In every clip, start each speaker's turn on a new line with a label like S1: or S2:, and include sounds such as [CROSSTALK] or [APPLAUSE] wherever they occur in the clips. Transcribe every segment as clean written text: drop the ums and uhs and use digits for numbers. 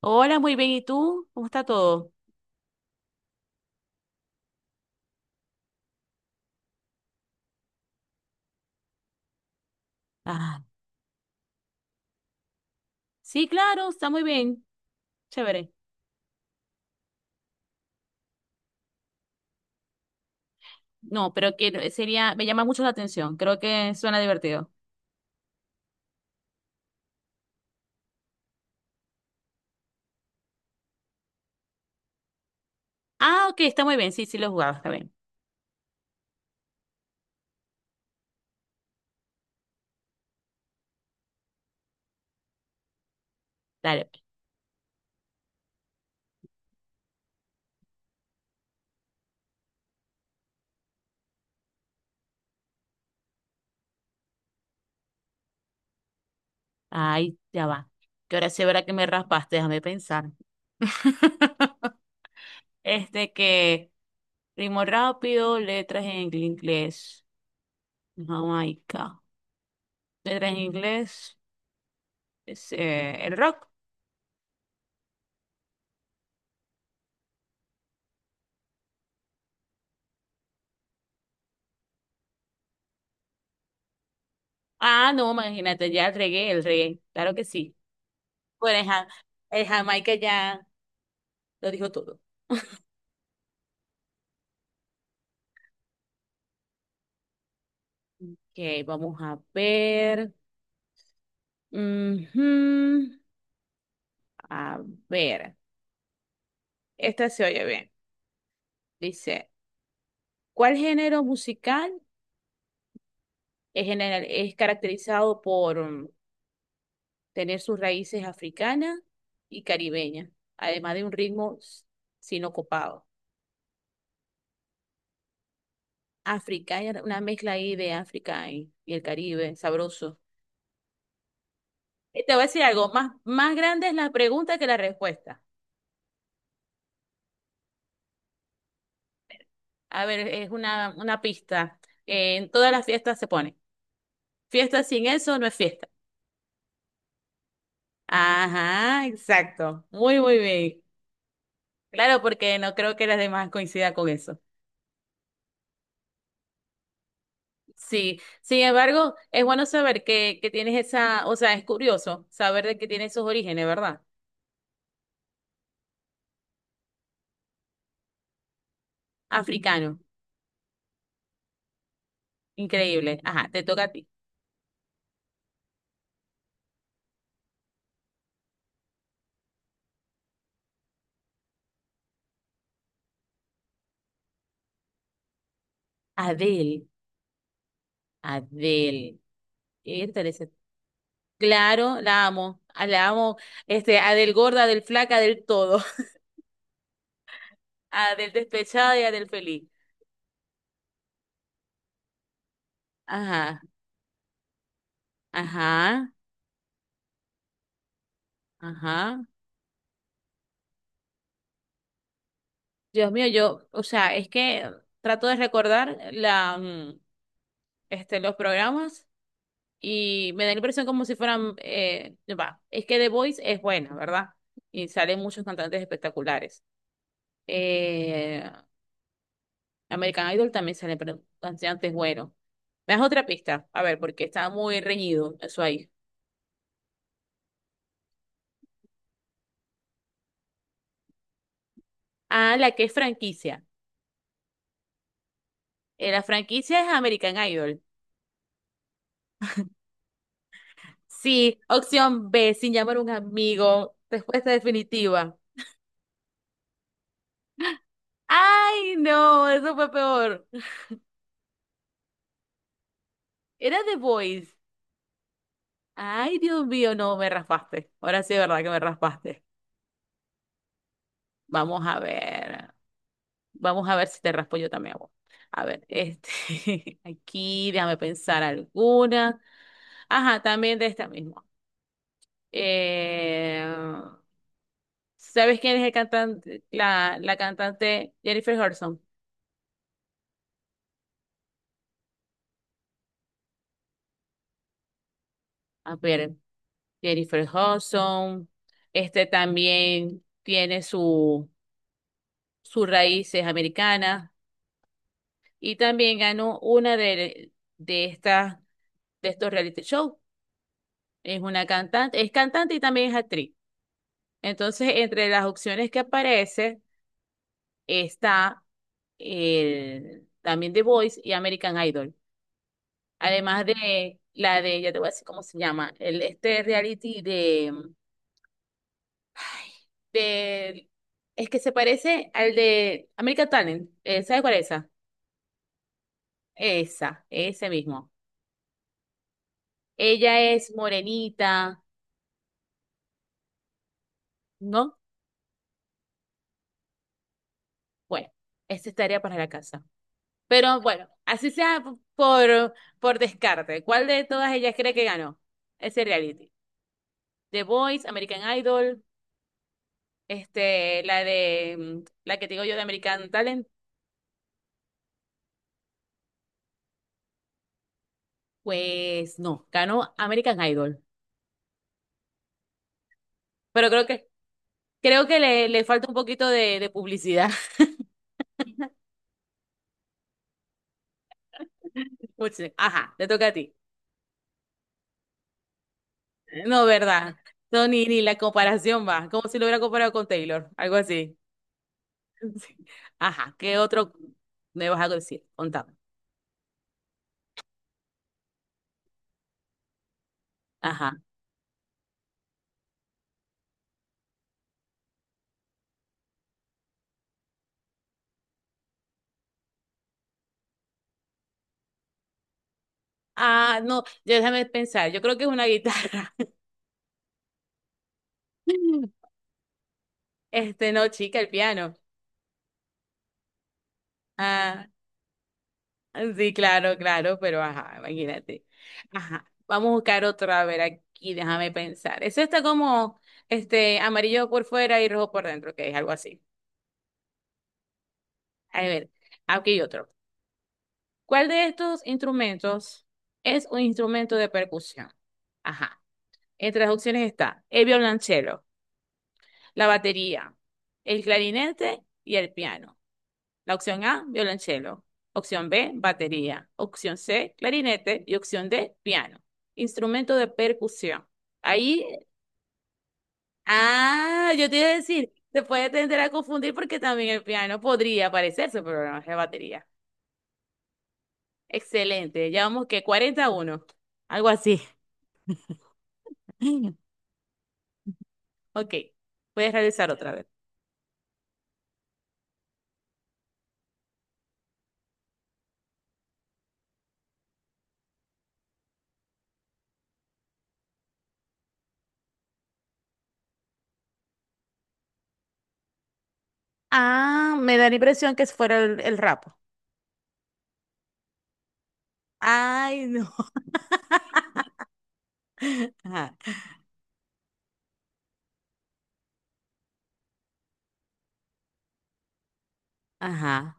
S1: Hola, muy bien. ¿Y tú? ¿Cómo está todo? Ah, sí, claro, está muy bien. Chévere. No, pero que sería, me llama mucho la atención. Creo que suena divertido. Ah, ok, está muy bien. Sí, sí lo he jugado, está bien. Dale, pues. Ay, ya va. Que ahora sí verá que me raspaste, déjame pensar. [LAUGHS] Este que ritmo rápido, letras en inglés. Jamaica. Letras en inglés. Es, el rock. Ah, no, imagínate, ya el reggae, el reggae. Claro que sí. Bueno, el Jamaica ya lo dijo todo. Ok, vamos a ver. Ujú. A ver. Esta se oye bien. Dice, ¿cuál género musical es caracterizado por tener sus raíces africanas y caribeñas, además de un ritmo sinocopado? Africana, una mezcla ahí de África y el Caribe, sabroso. Y te voy a decir algo, más, más grande es la pregunta que la respuesta. A ver, es una pista. En todas las fiestas se pone. Fiesta sin eso no es fiesta. Ajá, exacto. Muy, muy bien. Claro, porque no creo que las demás coincidan con eso. Sí, sin embargo, es bueno saber que tienes esa, o sea, es curioso saber de que tienes esos orígenes, ¿verdad? Africano, increíble. Ajá, te toca a ti. Adele, Adele. Értale. Claro, la amo, este, Adele gorda, Adele flaca, del todo. A del despechado y a del feliz. Ajá, ajá, ajá. Dios mío, yo, o sea, es que trato de recordar la, este, los programas y me da la impresión como si fueran, va, es que The Voice es buena, ¿verdad? Y salen muchos cantantes espectaculares. Eh, American Idol también salen pero cantantes buenos. Me das otra pista, a ver, porque está muy reñido eso ahí. Ah, la que es franquicia. La franquicia es American Idol. Sí, opción B, sin llamar a un amigo. Respuesta definitiva. Ay, no, eso fue peor. Era The Voice. Ay, Dios mío, no, me raspaste. Ahora sí, es verdad que me raspaste. Vamos a ver. Vamos a ver si te raspo yo también, amor. A ver, este, [LAUGHS] aquí, déjame pensar alguna. Ajá, también de esta misma. Eh, ¿sabes quién es el cantante, la cantante Jennifer Hudson? A ver. Jennifer Hudson, este también tiene su, sus raíces americanas y también ganó una de estas, de estos reality shows. Es una cantante, es cantante y también es actriz. Entonces, entre las opciones que aparece está el, también The Voice y American Idol. Además de la de, ya te voy a decir cómo se llama, el, este reality de Ay, del- es que se parece al de American Talent. ¿Sabes cuál es esa? Esa, ese mismo. Ella es morenita, ¿no? Bueno, esa es tarea para la casa. Pero bueno, así sea por descarte. ¿Cuál de todas ellas cree que ganó ese reality? The Voice, American Idol, este, la de la que te digo yo de American Talent. Pues no, ganó American Idol. Pero creo que le falta un poquito de publicidad. [LAUGHS] Pues, sí. Ajá, te toca a ti. No, ¿verdad? No, ni la comparación va. Como si lo hubiera comparado con Taylor, algo así. [LAUGHS] Sí. Ajá, ¿qué otro me vas a decir? Contame. Ajá. Ah, no, ya déjame pensar. Yo creo que es una guitarra. [LAUGHS] Este, no, chica, el piano. Ah, sí, claro, claro, pero ajá, imagínate. Ajá, vamos a buscar otro, a ver aquí, déjame pensar. Eso está como este amarillo por fuera y rojo por dentro, que es algo así. A ver, aquí hay otro. ¿Cuál de estos instrumentos es un instrumento de percusión? Ajá. Entre las opciones está el violonchelo, la batería, el clarinete y el piano. La opción A, violonchelo. Opción B, batería. Opción C, clarinete. Y opción D, piano. Instrumento de percusión. Ahí, ah, yo te iba a decir, se puede tender a confundir porque también el piano podría parecerse, pero no es de batería. Excelente. Ya vamos que 40-1 algo así. [LAUGHS] Ok, puedes realizar otra vez. Ah, me da la impresión que fuera el rapo. Ay, no. [LAUGHS] Ajá. Ajá.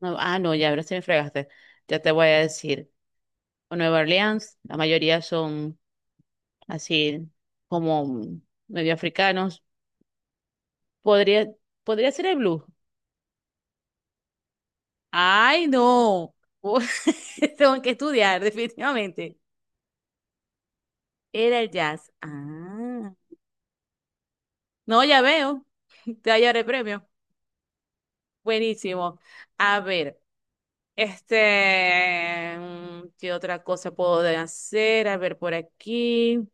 S1: No, ah, no, ya ahora sí me fregaste. Ya te voy a decir. O Nueva Orleans, la mayoría son así como medio africanos. Podría, podría ser el blues. Ay, no. [LAUGHS] Tengo que estudiar, [LAUGHS] definitivamente. Era el jazz. Ah. No, ya veo. [LAUGHS] Te hallaré premio. Buenísimo. A ver, este, ¿qué otra cosa puedo hacer? A ver, por aquí.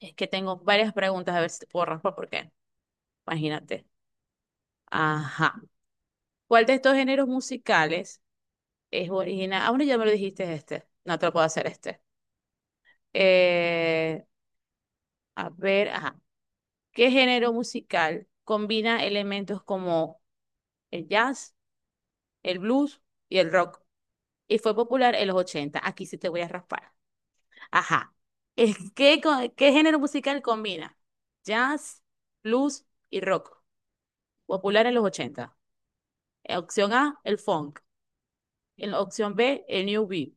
S1: Es que tengo varias preguntas, a ver si te puedo raspar, porque imagínate. Ajá. ¿Cuál de estos géneros musicales es original? Ah, bueno, ya me lo dijiste este. No te lo puedo hacer este. Eh, a ver, ajá. ¿Qué género musical combina elementos como el jazz, el blues y el rock? ¿Y fue popular en los 80? Aquí sí te voy a raspar. Ajá. ¿Qué género musical combina jazz, blues y rock? Popular en los 80. Opción A, el funk. En la opción B, el new beat.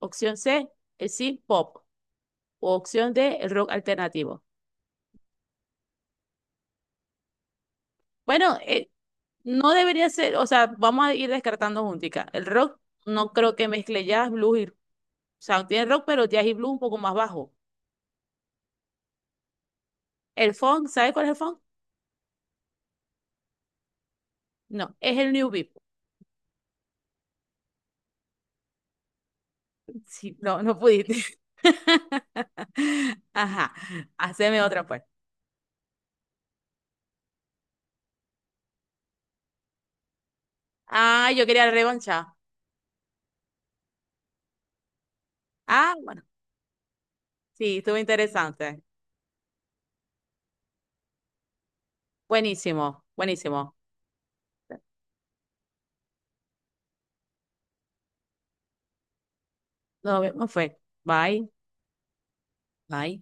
S1: Opción C, el synth pop. O opción de el rock alternativo. Bueno, no debería ser, o sea, vamos a ir descartando juntica. El rock no creo que mezcle jazz, blues y, o sea, tiene rock, pero jazz y blues un poco más bajo. El funk, ¿sabes cuál es el funk? No, es el new beat. Sí, no, no pudiste. [LAUGHS] Ajá, haceme otra pues. Ah, yo quería revancha. Ah, bueno, sí, estuvo interesante. Buenísimo, buenísimo. Nos vemos, fue. Bye, bye.